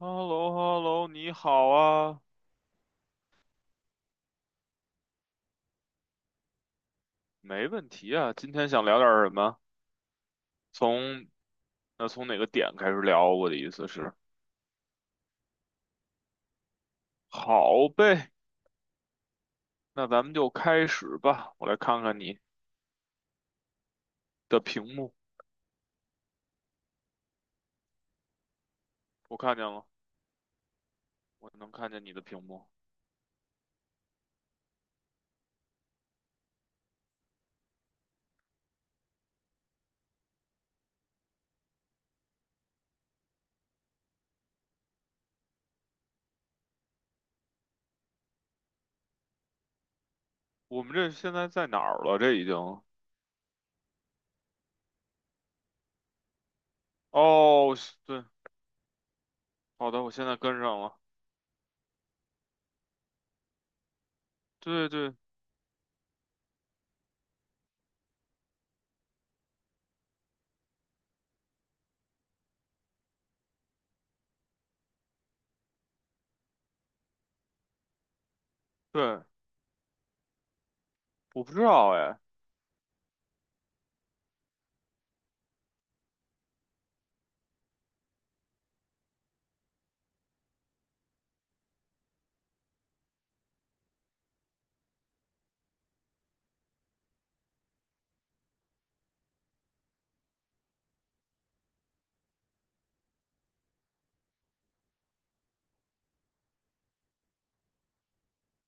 h e l l o h e l l o 你好啊，没问题啊。今天想聊点儿什么？从那从哪个点开始聊？我的意思是，好呗，那咱们就开始吧。我来看看你的屏幕，我看见了，我能看见你的屏幕。我们这现在在哪儿了？这已经……哦，是对，好的，我现在跟上了。对对对，我不知道哎，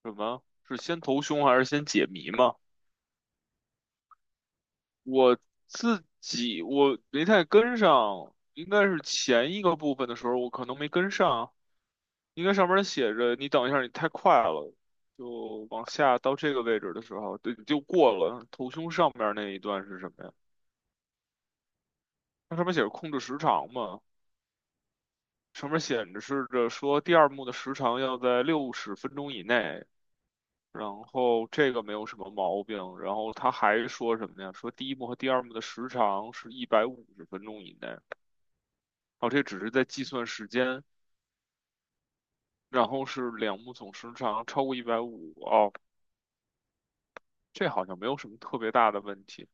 什么是先投凶还是先解谜吗？我自己没太跟上，应该是前一个部分的时候，我可能没跟上。应该上面写着“你等一下，你太快了”，就往下到这个位置的时候，对，就过了。头胸上面那一段是什么呀？它上面写着控制时长嘛，上面显示着说第二幕的时长要在六十分钟以内。然后这个没有什么毛病。然后他还说什么呀？说第一幕和第二幕的时长是150分钟以内。哦，这只是在计算时间，然后是两目总时长超过一百五，哦，这好像没有什么特别大的问题。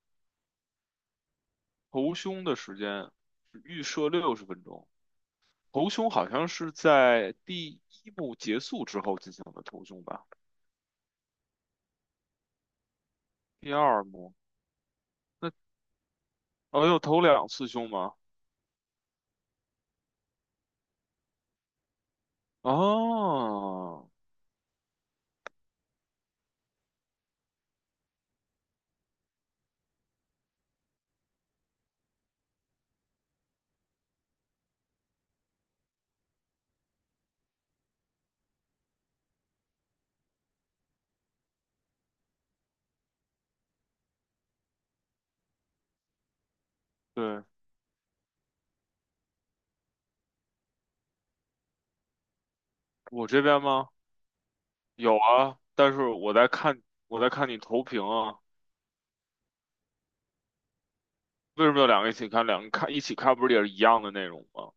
头胸的时间预设六十分钟，头胸好像是在第一幕结束之后进行的头胸吧？第二幕那哦，有头两次胸吗？哦，对，我这边吗？有啊，但是我在看我在看你投屏啊，为什么要两个一起看？两个看一起看不是也是一样的内容吗？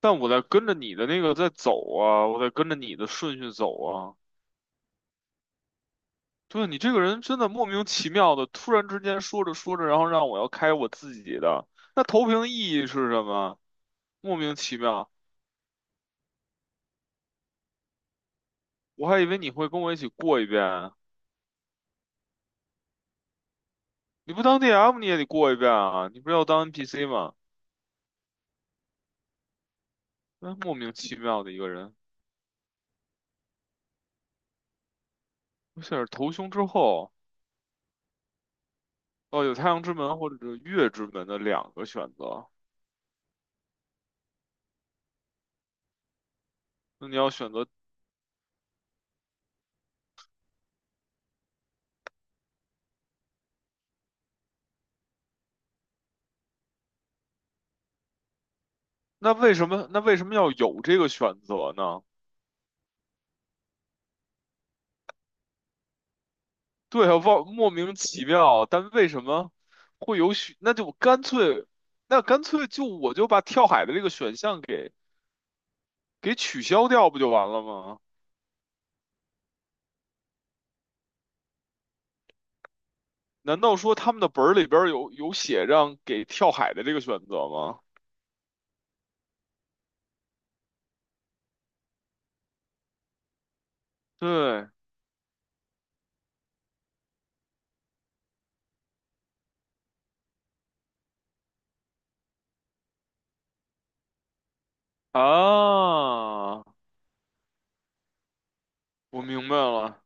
但我在跟着你的那个在走啊，我在跟着你的顺序走啊。对，你这个人真的莫名其妙的，突然之间说着说着，然后让我要开我自己的，那投屏的意义是什么？莫名其妙，我还以为你会跟我一起过一遍啊，你不当 DM 你也得过一遍啊，你不是要当 NPC 吗？那莫名其妙的一个人，而且是投胸之后，哦，有太阳之门或者是月之门的两个选择，那你要选择，那为什么要有这个选择呢？对啊，忘莫名其妙，但为什么会有许？那就干脆，那干脆就我就把跳海的这个选项给取消掉，不就完了吗？难道说他们的本儿里边儿有写让给跳海的这个选择吗？对啊，我明白了。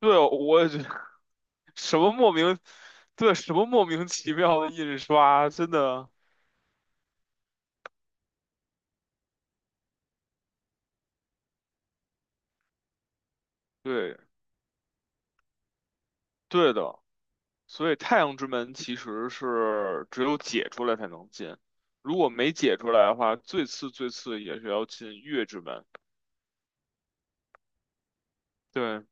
对，我也觉得 什么莫名，对，什么莫名其妙的印刷，真的，对，对的。所以太阳之门其实是只有解出来才能进，如果没解出来的话，最次最次也是要进月之门。对，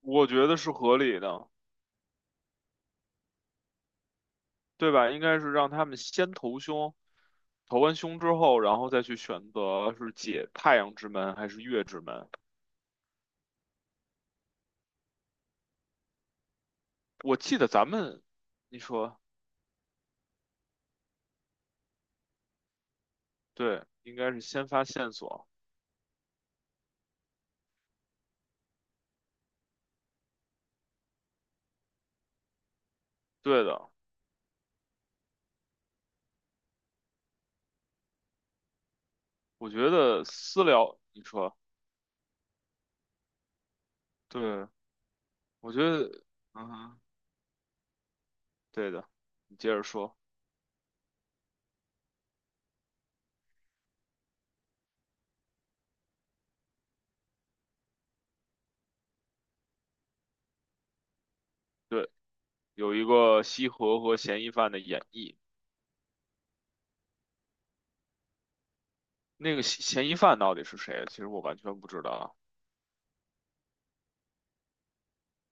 我觉得是合理的，对吧？应该是让他们先投凶，投完凶之后，然后再去选择是解太阳之门还是月之门。我记得咱们，你说对，应该是先发线索。对的，我觉得私聊，你说对，我觉得，嗯哼，对的，你接着说。对，有一个西河和嫌疑犯的演绎。那个嫌疑犯到底是谁？其实我完全不知道啊，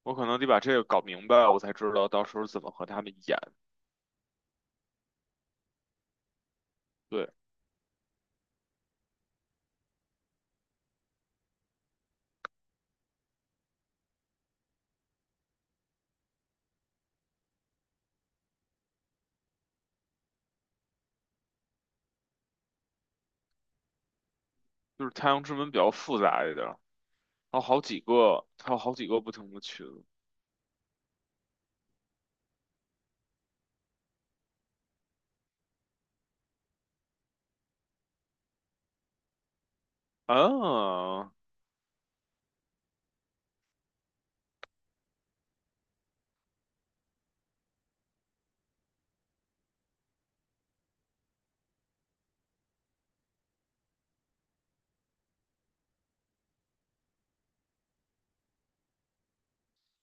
我可能得把这个搞明白，我才知道到时候怎么和他们演。对，就是《太阳之门》比较复杂一点儿，它有好几个，它有好几个不同的群。啊，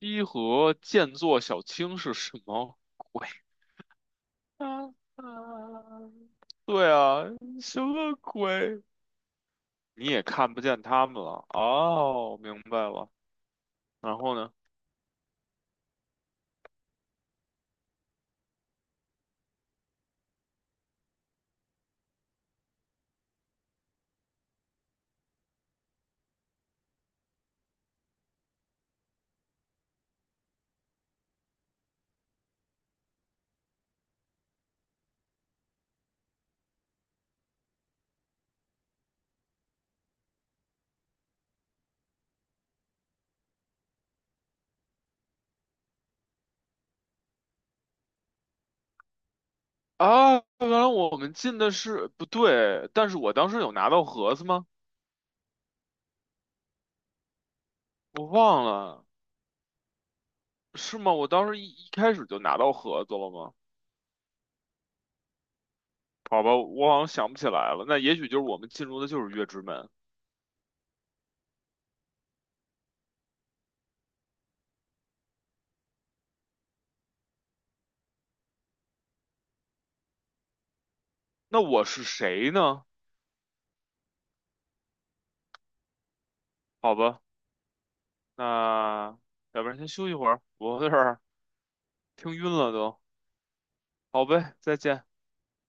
西河剑作小青是什么鬼？啊啊，对啊，什么鬼？你也看不见他们了。哦，明白了。然后呢？啊，原来我们进的是不对，但是我当时有拿到盒子吗？我忘了，是吗？我当时一开始就拿到盒子了吗？好吧，我好像想不起来了。那也许就是我们进入的就是月之门。那我是谁呢？好吧，那要不然先休息会儿，我有点儿 听晕了都。好呗，再见。